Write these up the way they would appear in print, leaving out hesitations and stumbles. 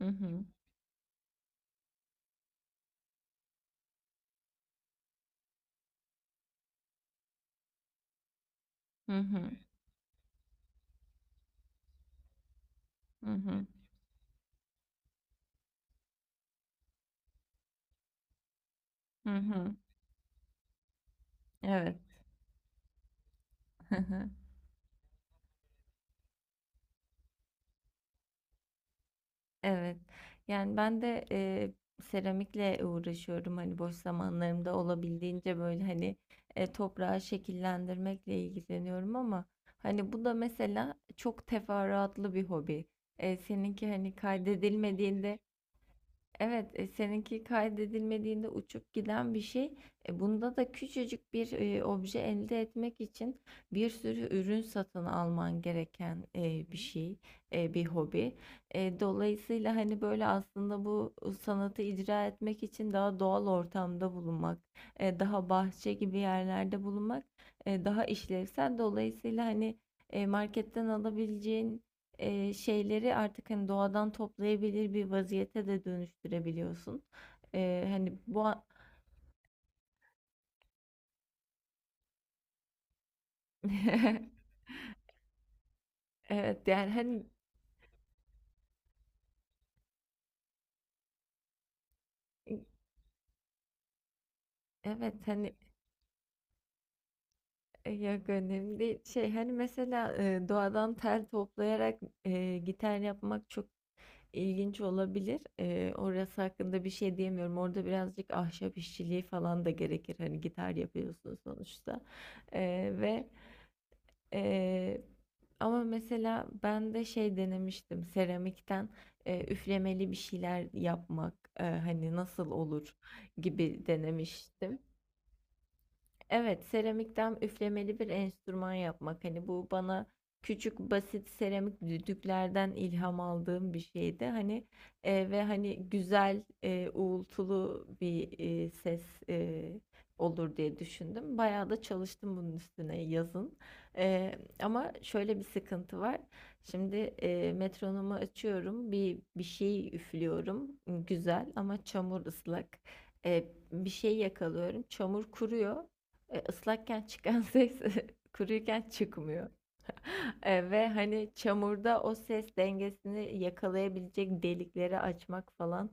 Hı hı. Hı hı. Hı hı. Hı hı. Evet. Hı hı. Evet. Yani ben de seramikle uğraşıyorum hani boş zamanlarımda olabildiğince böyle hani toprağı şekillendirmekle ilgileniyorum, ama hani bu da mesela çok teferruatlı bir hobi. Seninki hani kaydedilmediğinde. Evet, seninki kaydedilmediğinde uçup giden bir şey. Bunda da küçücük bir obje elde etmek için bir sürü ürün satın alman gereken bir şey, bir hobi. Dolayısıyla hani böyle aslında bu sanatı icra etmek için daha doğal ortamda bulunmak, daha bahçe gibi yerlerde bulunmak, daha işlevsel. Dolayısıyla hani marketten alabileceğin şeyleri artık hani doğadan toplayabilir bir vaziyete de dönüştürebiliyorsun. E, hani bu a- evet, yani hani. Evet hani, yok önemli değil. Şey hani mesela doğadan tel toplayarak gitar yapmak çok ilginç olabilir. Orası hakkında bir şey diyemiyorum. Orada birazcık ahşap işçiliği falan da gerekir. Hani gitar yapıyorsun sonuçta. E, ve Ee, ama mesela ben de şey denemiştim seramikten, üflemeli bir şeyler yapmak, hani nasıl olur gibi denemiştim. Evet, seramikten üflemeli bir enstrüman yapmak. Hani bu bana küçük basit seramik düdüklerden ilham aldığım bir şeydi. Hani ve hani güzel uğultulu bir ses e, olur diye düşündüm. Bayağı da çalıştım bunun üstüne yazın. Ama şöyle bir sıkıntı var. Şimdi metronomu açıyorum, bir şey üflüyorum, güzel ama çamur ıslak. E, Bir şey yakalıyorum, çamur kuruyor. Islakken çıkan ses kuruyken çıkmıyor. Ve hani çamurda o ses dengesini yakalayabilecek delikleri açmak falan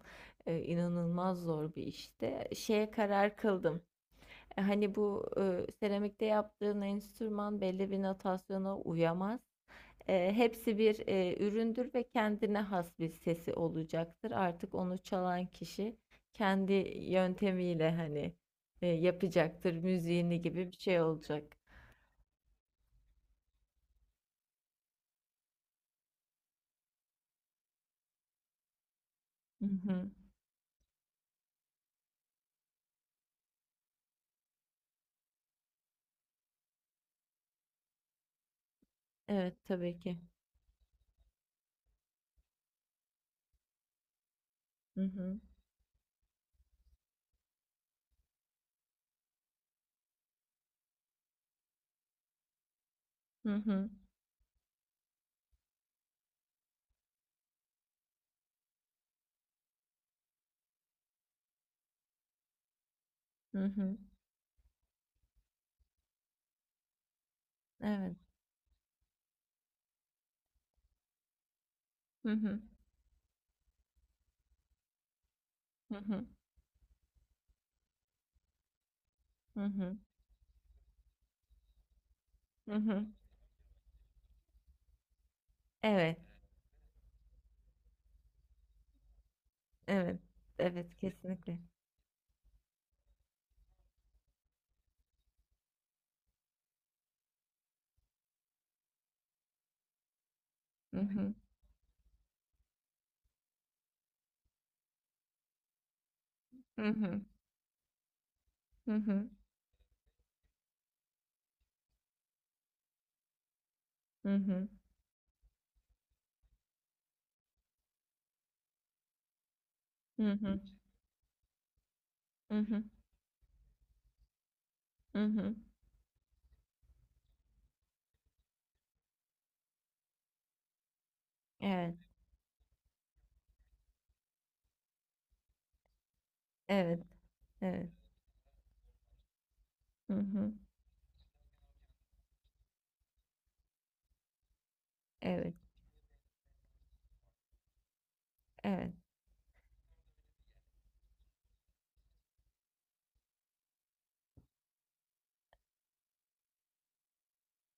inanılmaz zor bir işte. Şeye karar kıldım. Hani bu seramikte yaptığın enstrüman belli bir notasyona uyamaz. Hepsi bir üründür ve kendine has bir sesi olacaktır. Artık onu çalan kişi kendi yöntemiyle hani yapacaktır müziğini, gibi bir şey olacak. Hı hı. Evet, tabii ki. Hı hı. Hı hı. Hı hı. Evet. Hı hı. Hı hı. Hı hı. Hı hı. Evet. Evet. Evet, kesinlikle. Hı hı. Hı hı. Hı hı. Hı hı. Hı hı. Hı hı. Hı hı. Evet. Evet. Evet. Hı hı. Evet. Evet,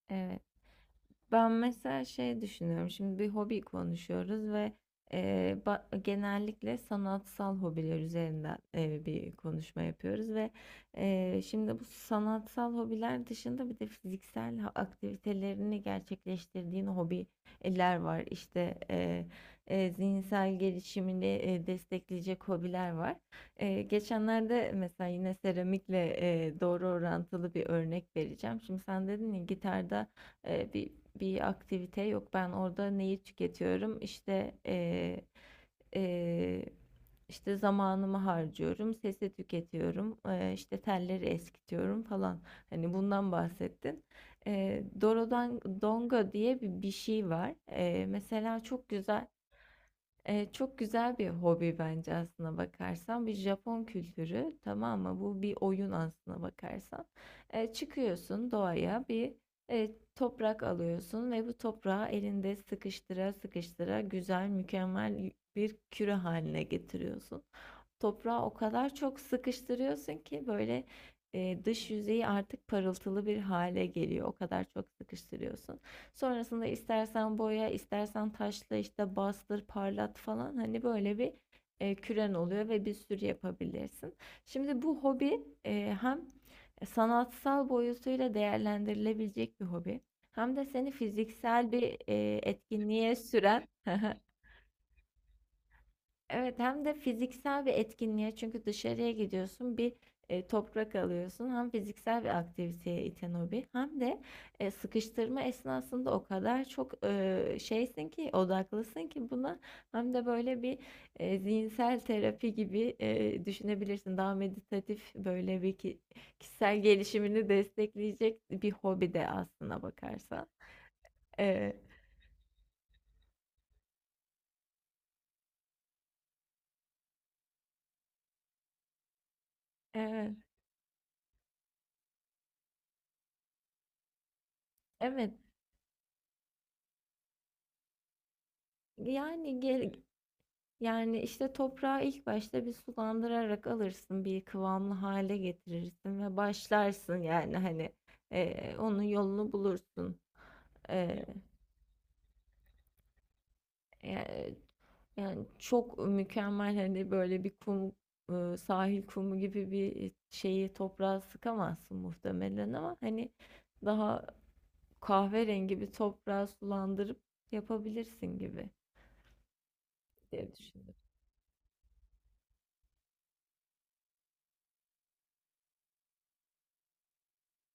evet. Ben mesela şey düşünüyorum. Şimdi bir hobi konuşuyoruz ve genellikle sanatsal hobiler üzerinden bir konuşma yapıyoruz, ve şimdi bu sanatsal hobiler dışında bir de fiziksel aktivitelerini gerçekleştirdiğin hobiler var. İşte zihinsel gelişimini destekleyecek hobiler var. Geçenlerde mesela yine seramikle doğru orantılı bir örnek vereceğim. Şimdi sen dedin ya, gitarda e, bir bir aktivite yok. Ben orada neyi tüketiyorum? İşte e, işte zamanımı harcıyorum, sesi tüketiyorum, işte telleri eskitiyorum falan. Hani bundan bahsettin. Dorodan Donga diye bir şey var. E, mesela çok güzel Çok güzel bir hobi bence, aslına bakarsan. Bir Japon kültürü, tamam mı? Bu bir oyun, aslına bakarsan. Çıkıyorsun doğaya, bir toprak alıyorsun ve bu toprağı elinde sıkıştıra sıkıştıra güzel, mükemmel bir küre haline getiriyorsun. Toprağı o kadar çok sıkıştırıyorsun ki böyle, dış yüzeyi artık parıltılı bir hale geliyor. O kadar çok sıkıştırıyorsun. Sonrasında istersen boya, istersen taşla, işte, bastır, parlat falan, hani, böyle bir, küren oluyor ve bir sürü yapabilirsin. Şimdi bu hobi, hem sanatsal boyutuyla değerlendirilebilecek bir hobi, hem de seni fiziksel bir, etkinliğe süren. Evet, hem de fiziksel bir etkinliğe, çünkü dışarıya gidiyorsun, bir toprak alıyorsun, hem fiziksel bir aktiviteye iten o bir, hem de sıkıştırma esnasında o kadar çok şeysin ki, odaklısın ki buna, hem de böyle bir zihinsel terapi gibi düşünebilirsin, daha meditatif, böyle bir kişisel gelişimini destekleyecek bir hobi de, aslına bakarsan. E, evet, evet, yani gel. Yani işte toprağı ilk başta bir sulandırarak alırsın, bir kıvamlı hale getirirsin ve başlarsın, yani hani onun yolunu bulursun. Eee, Yani, yani çok mükemmel, hani böyle bir kum, sahil kumu gibi bir şeyi toprağa sıkamazsın muhtemelen, ama hani daha kahverengi bir toprağı sulandırıp yapabilirsin, gibi diye düşündüm.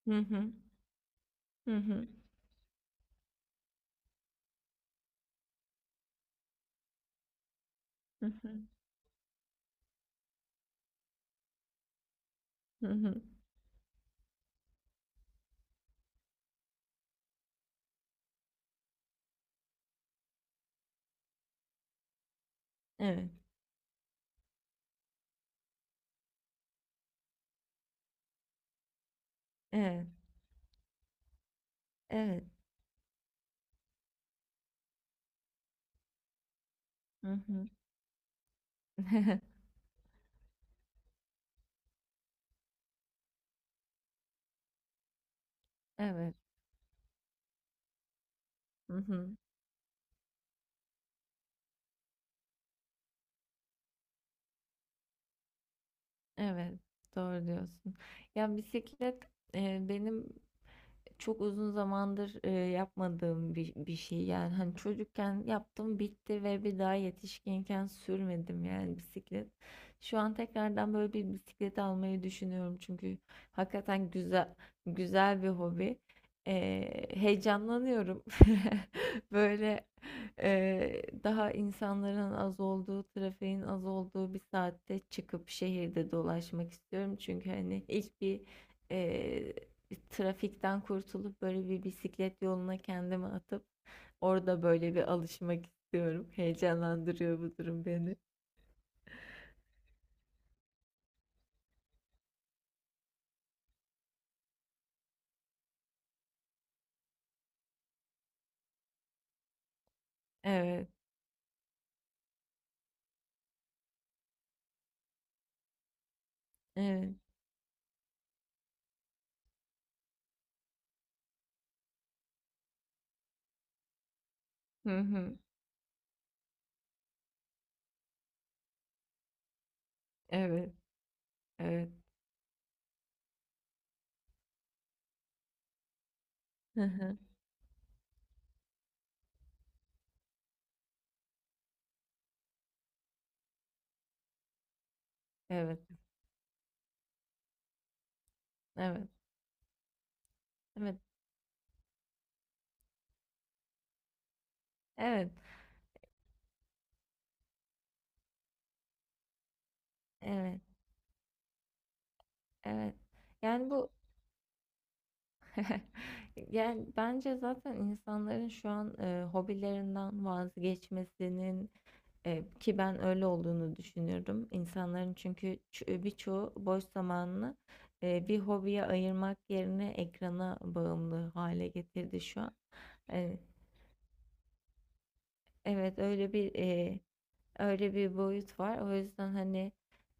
Hı hı. Hı hı. Hı hı. Hı hı. Evet. Evet. Evet. Hı hı. Evet. Hı hı. Evet. Doğru diyorsun. Ya bisiklet, benim çok uzun zamandır yapmadığım bir şey, yani hani çocukken yaptım bitti ve bir daha yetişkinken sürmedim, yani bisiklet. Şu an tekrardan böyle bir bisiklet almayı düşünüyorum, çünkü hakikaten güzel, güzel bir hobi. E, Heyecanlanıyorum. Böyle daha insanların az olduğu, trafiğin az olduğu bir saatte çıkıp şehirde dolaşmak istiyorum. Çünkü hani ilk bir e, trafikten kurtulup böyle bir bisiklet yoluna kendimi atıp orada böyle bir alışmak istiyorum. Heyecanlandırıyor bu durum beni. Evet, evet. Hı hı. Evet, evet. Hı hı. Evet, evet. Evet. Evet. Evet. Evet. Yani bu yani bence zaten insanların şu an hobilerinden vazgeçmesinin. Ki ben öyle olduğunu düşünüyorum. İnsanların çünkü birçoğu boş zamanını bir hobiye ayırmak yerine ekrana bağımlı hale getirdi şu an. E, evet, öyle bir boyut var. O yüzden hani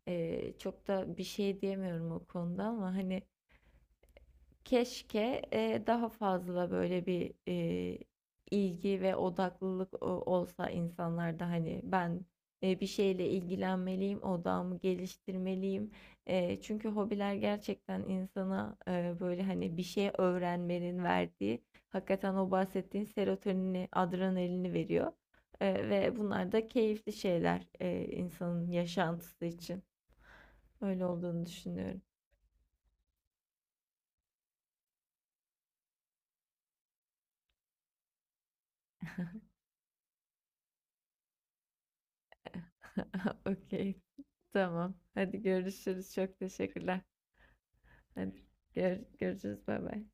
çok da bir şey diyemiyorum o konuda, ama hani keşke daha fazla böyle bir ilgi ve odaklılık olsa insanlarda, hani ben bir şeyle ilgilenmeliyim, odağımı geliştirmeliyim. Çünkü hobiler gerçekten insana böyle hani bir şey öğrenmenin verdiği, hakikaten o bahsettiğin serotonini, adrenalini veriyor. Ve bunlar da keyifli şeyler insanın yaşantısı için. Öyle olduğunu düşünüyorum. Okey. Tamam. Hadi görüşürüz. Çok teşekkürler. Hadi görüşürüz. Bay bay.